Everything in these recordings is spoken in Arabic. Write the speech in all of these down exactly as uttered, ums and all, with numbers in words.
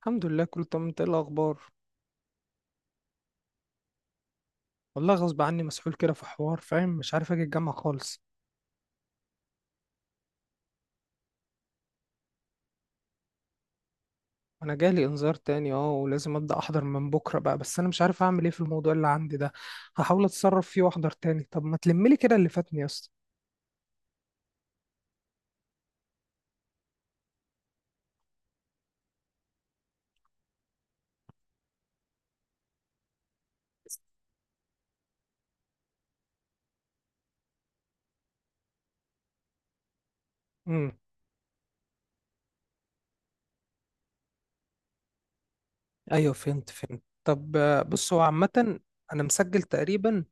الحمد لله، كله تمام. انت ايه الاخبار؟ والله غصب عني، مسحول كده في حوار فاهم. مش عارف اجي الجامعه خالص. انا جالي انذار تاني اه، ولازم ابدا احضر من بكره بقى. بس انا مش عارف اعمل ايه في الموضوع اللي عندي ده. هحاول اتصرف فيه واحضر تاني. طب ما تلملي كده اللي فاتني يا اسطى. امم. ايوه، فهمت فهمت. طب، آه، بص هو عامه. انا مسجل تقريبا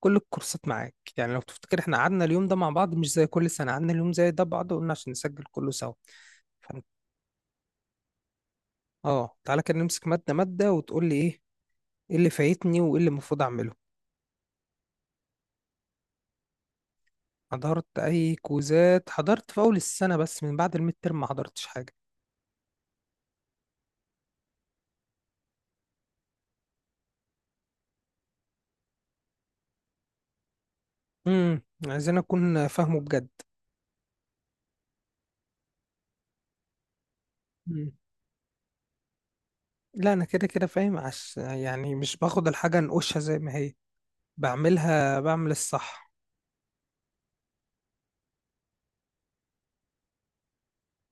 كل الكورسات معاك، يعني لو تفتكر احنا قعدنا اليوم ده مع بعض. مش زي كل سنه قعدنا اليوم زي ده بعض، وقلنا عشان نسجل كله سوا. فانت. اه، تعالى كده نمسك ماده ماده وتقول لي ايه. ايه اللي فايتني وايه اللي المفروض اعمله؟ حضرت اي كوزات؟ حضرت في اول السنه، بس من بعد الميد ترم ما حضرتش حاجه. امم. عايزين اكون فاهمه بجد. مم. لا، انا كده كده فاهم. عش يعني مش باخد الحاجه انقشها زي ما هي، بعملها بعمل الصح.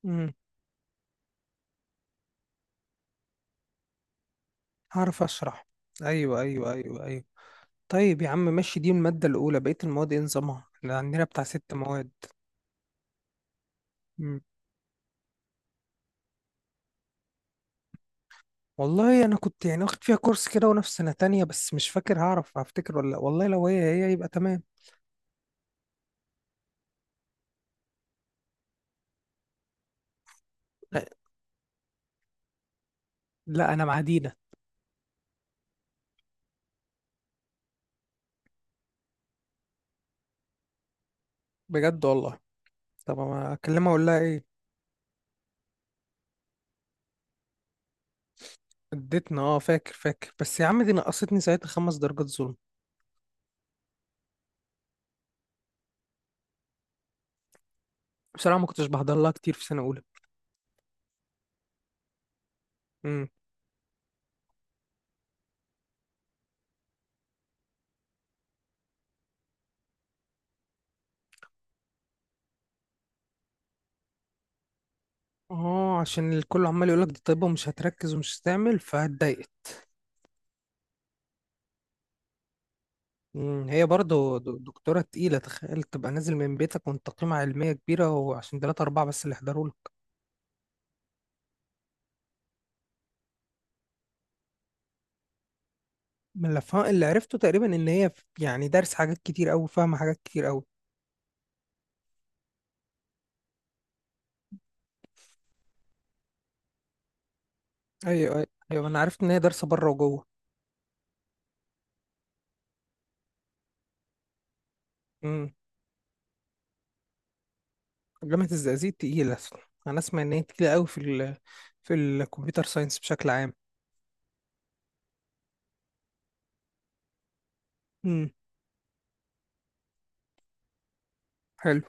امم. هعرف اشرح. ايوه، ايوه، ايوه، ايوه. طيب يا عم ماشي، دي الماده الاولى. بقيه المواد ايه نظامها؟ احنا عندنا بتاع ست مواد. مم. والله انا كنت يعني واخد فيها كورس كده وانا في سنه تانية، بس مش فاكر. هعرف هفتكر ولا لأ؟ والله لو هي هي يبقى تمام. لا، انا مع دينا. بجد والله. طب انا اكلمها اقول لها ايه؟ اديتنا، اه فاكر فاكر. بس يا عم، دي نقصتني ساعتها خمس درجات، ظلم. بصراحه ما كنتش بحضر لها كتير في سنه اولى. امم. اه، عشان الكل عمال يقول لك دي طيبه ومش هتركز ومش هتعمل، فاتضايقت. امم هي برضه د- دكتوره تقيله. تخيل تبقى نازل من بيتك وانت قيمه علميه كبيره وعشان تلاتة اربعه بس اللي حضروا لك. من اللي فا- اللي عرفته تقريبا ان هي ف- يعني دارس حاجات كتير قوي، فاهمه حاجات كتير قوي. ايوه، ايوه، ايوه. انا عرفت ان هي دارسه بره وجوه. جامعة الزقازيق تقيلة. أنا أسمع إن هي تقيلة أوي في ال في الكمبيوتر ساينس بشكل عام. امم. حلو.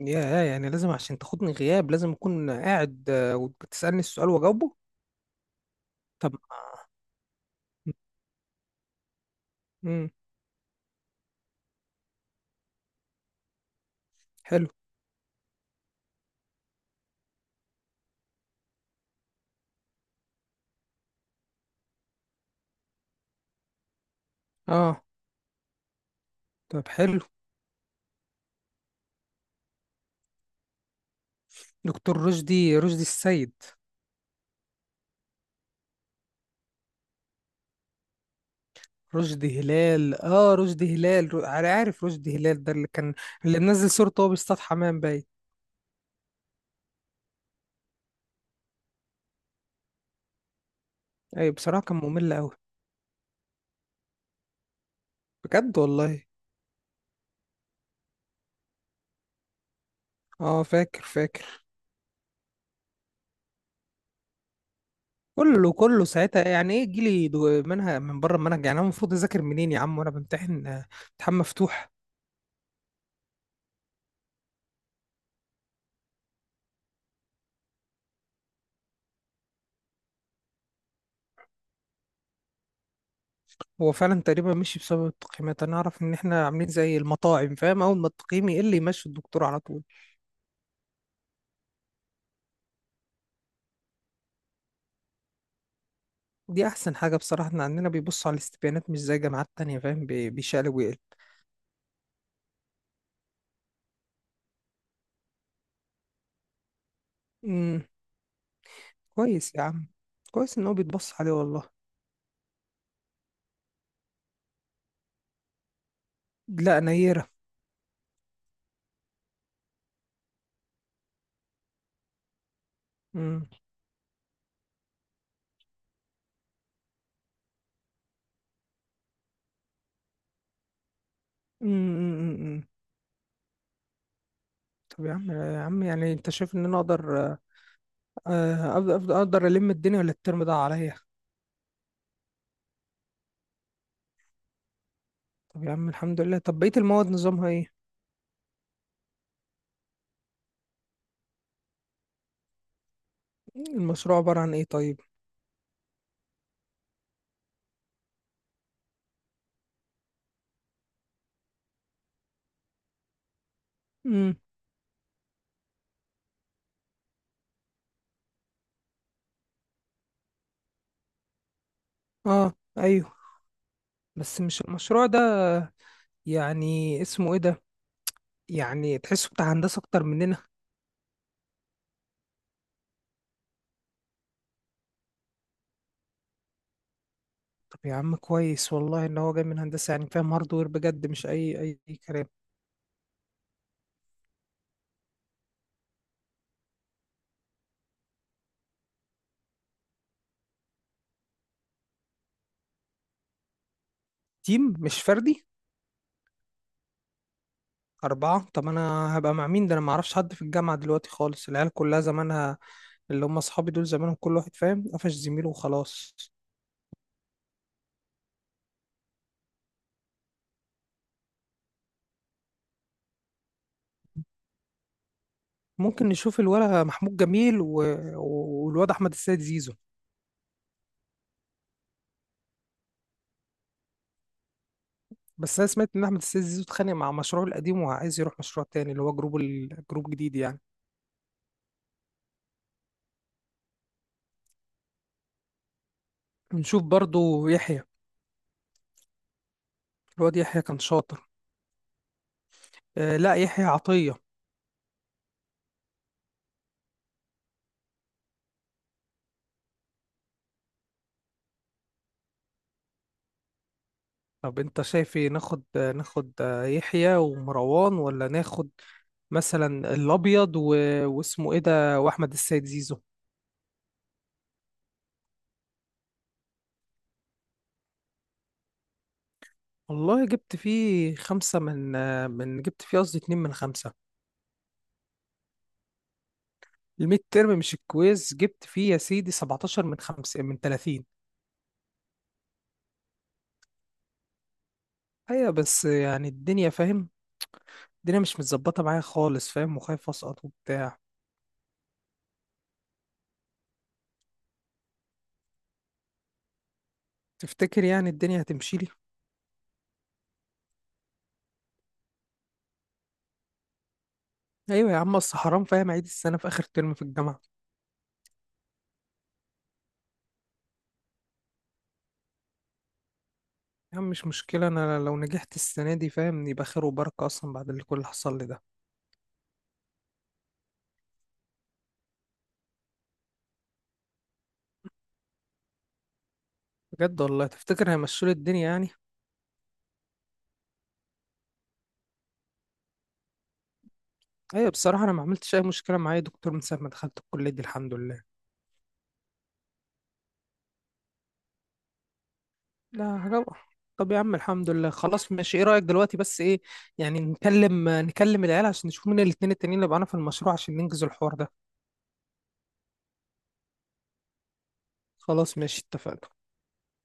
يا يعني لازم، عشان تاخدني غياب لازم أكون قاعد آه، وتسألني السؤال وأجاوبه. طب. امم. حلو. أه، طب حلو. دكتور رشدي رشدي السيد. رشدي هلال، اه، رشدي هلال، رو- أنا عارف رشدي هلال، ده اللي كان اللي منزل صورته وهو بيصطاد حمام، باين. ايوه، بصراحة كان ممل أوي. بجد والله. اه، فاكر فاكر. كله كله ساعتها، يعني ايه جيلي دو- منهج من بره المنهج؟ يعني انا المفروض اذاكر منين يا عم وانا بمتحن آه، امتحان مفتوح. هو فعلا تقريبا مشي بسبب التقييمات. انا اعرف ان احنا عاملين زي المطاعم فاهم، اول ما التقييم يقل يمشي الدكتور على طول. دي احسن حاجه بصراحه. احنا عندنا بيبصوا على الاستبيانات، مش زي جامعات تانية فاهم، بي- بيشقلب ويقلب. امم. كويس يا عم. كويس ان هو بيتبص عليه والله. لا، نيره. امم، امم، امم. امم. طب يا عم، يا عم، يعني انت شايف ان انا اقدر آه، آه، أقدر أقدر ألم الدنيا، ولا الترم ده عليا؟ طب يا عم الحمد لله. طب بقية المواد نظامها ايه؟ المشروع عبارة عن ايه طيب؟ امم. اه. ايوه بس مش المشروع ده. يعني اسمه ايه ده؟ يعني تحسه بتاع هندسة اكتر مننا. طب يا عم كويس والله ان هو جاي من هندسة، يعني فاهم هاردوير بجد، مش اي اي أي كلام. تيم مش فردي؟ أربعة؟ طب أنا هبقى مع مين ده؟ أنا معرفش حد في الجامعة دلوقتي خالص، العيال كلها زمانها اللي هم أصحابي دول زمانهم كل واحد فاهم قفش زميله وخلاص. ممكن نشوف الولا محمود جميل و... والواد أحمد السيد زيزو. بس انا سمعت ان احمد السيد زيزو اتخانق مع مشروعه القديم وعايز يروح مشروع تاني، اللي هو جروب ال- جروب جديد يعني. نشوف برضو يحيى. الواد يحيى كان شاطر. آه، لا، يحيى عطية. طب انت شايف ايه، ناخد آه، ناخد آه، يحيى ومروان، ولا ناخد مثلا الابيض و... واسمه ايه ده، واحمد السيد زيزو؟ والله جبت فيه خمسة من آه، من جبت فيه قصدي اتنين من خمسة. الميد ترم مش الكويز، جبت فيه يا سيدي سبعتاشر من خمسة، من ثلاثين. ايوه بس يعني الدنيا فاهم، الدنيا مش متظبطة معايا خالص فاهم، وخايف أسقط وبتاع. تفتكر يعني الدنيا هتمشي لي؟ أيوة يا عم، أصل حرام فاهم أعيد السنة في آخر ترم في الجامعة. يا عم مش مشكلة، أنا لو نجحت السنة دي فاهم يبقى خير وبركة، أصلا بعد اللي كل اللي حصل لي ده. بجد والله، تفتكر هيمشوا لي الدنيا يعني؟ أيوة، بصراحة أنا ما عملتش أي مشكلة معايا دكتور من ساعة ما دخلت الكلية دي، الحمد لله. لا حاجة. طب يا عم الحمد لله، خلاص ماشي. ايه رأيك دلوقتي بس، ايه يعني، نكلم نكلم العيال عشان نشوف مين الاتنين التانيين اللي معانا في المشروع، عشان ننجز الحوار ده. خلاص ماشي، اتفقنا.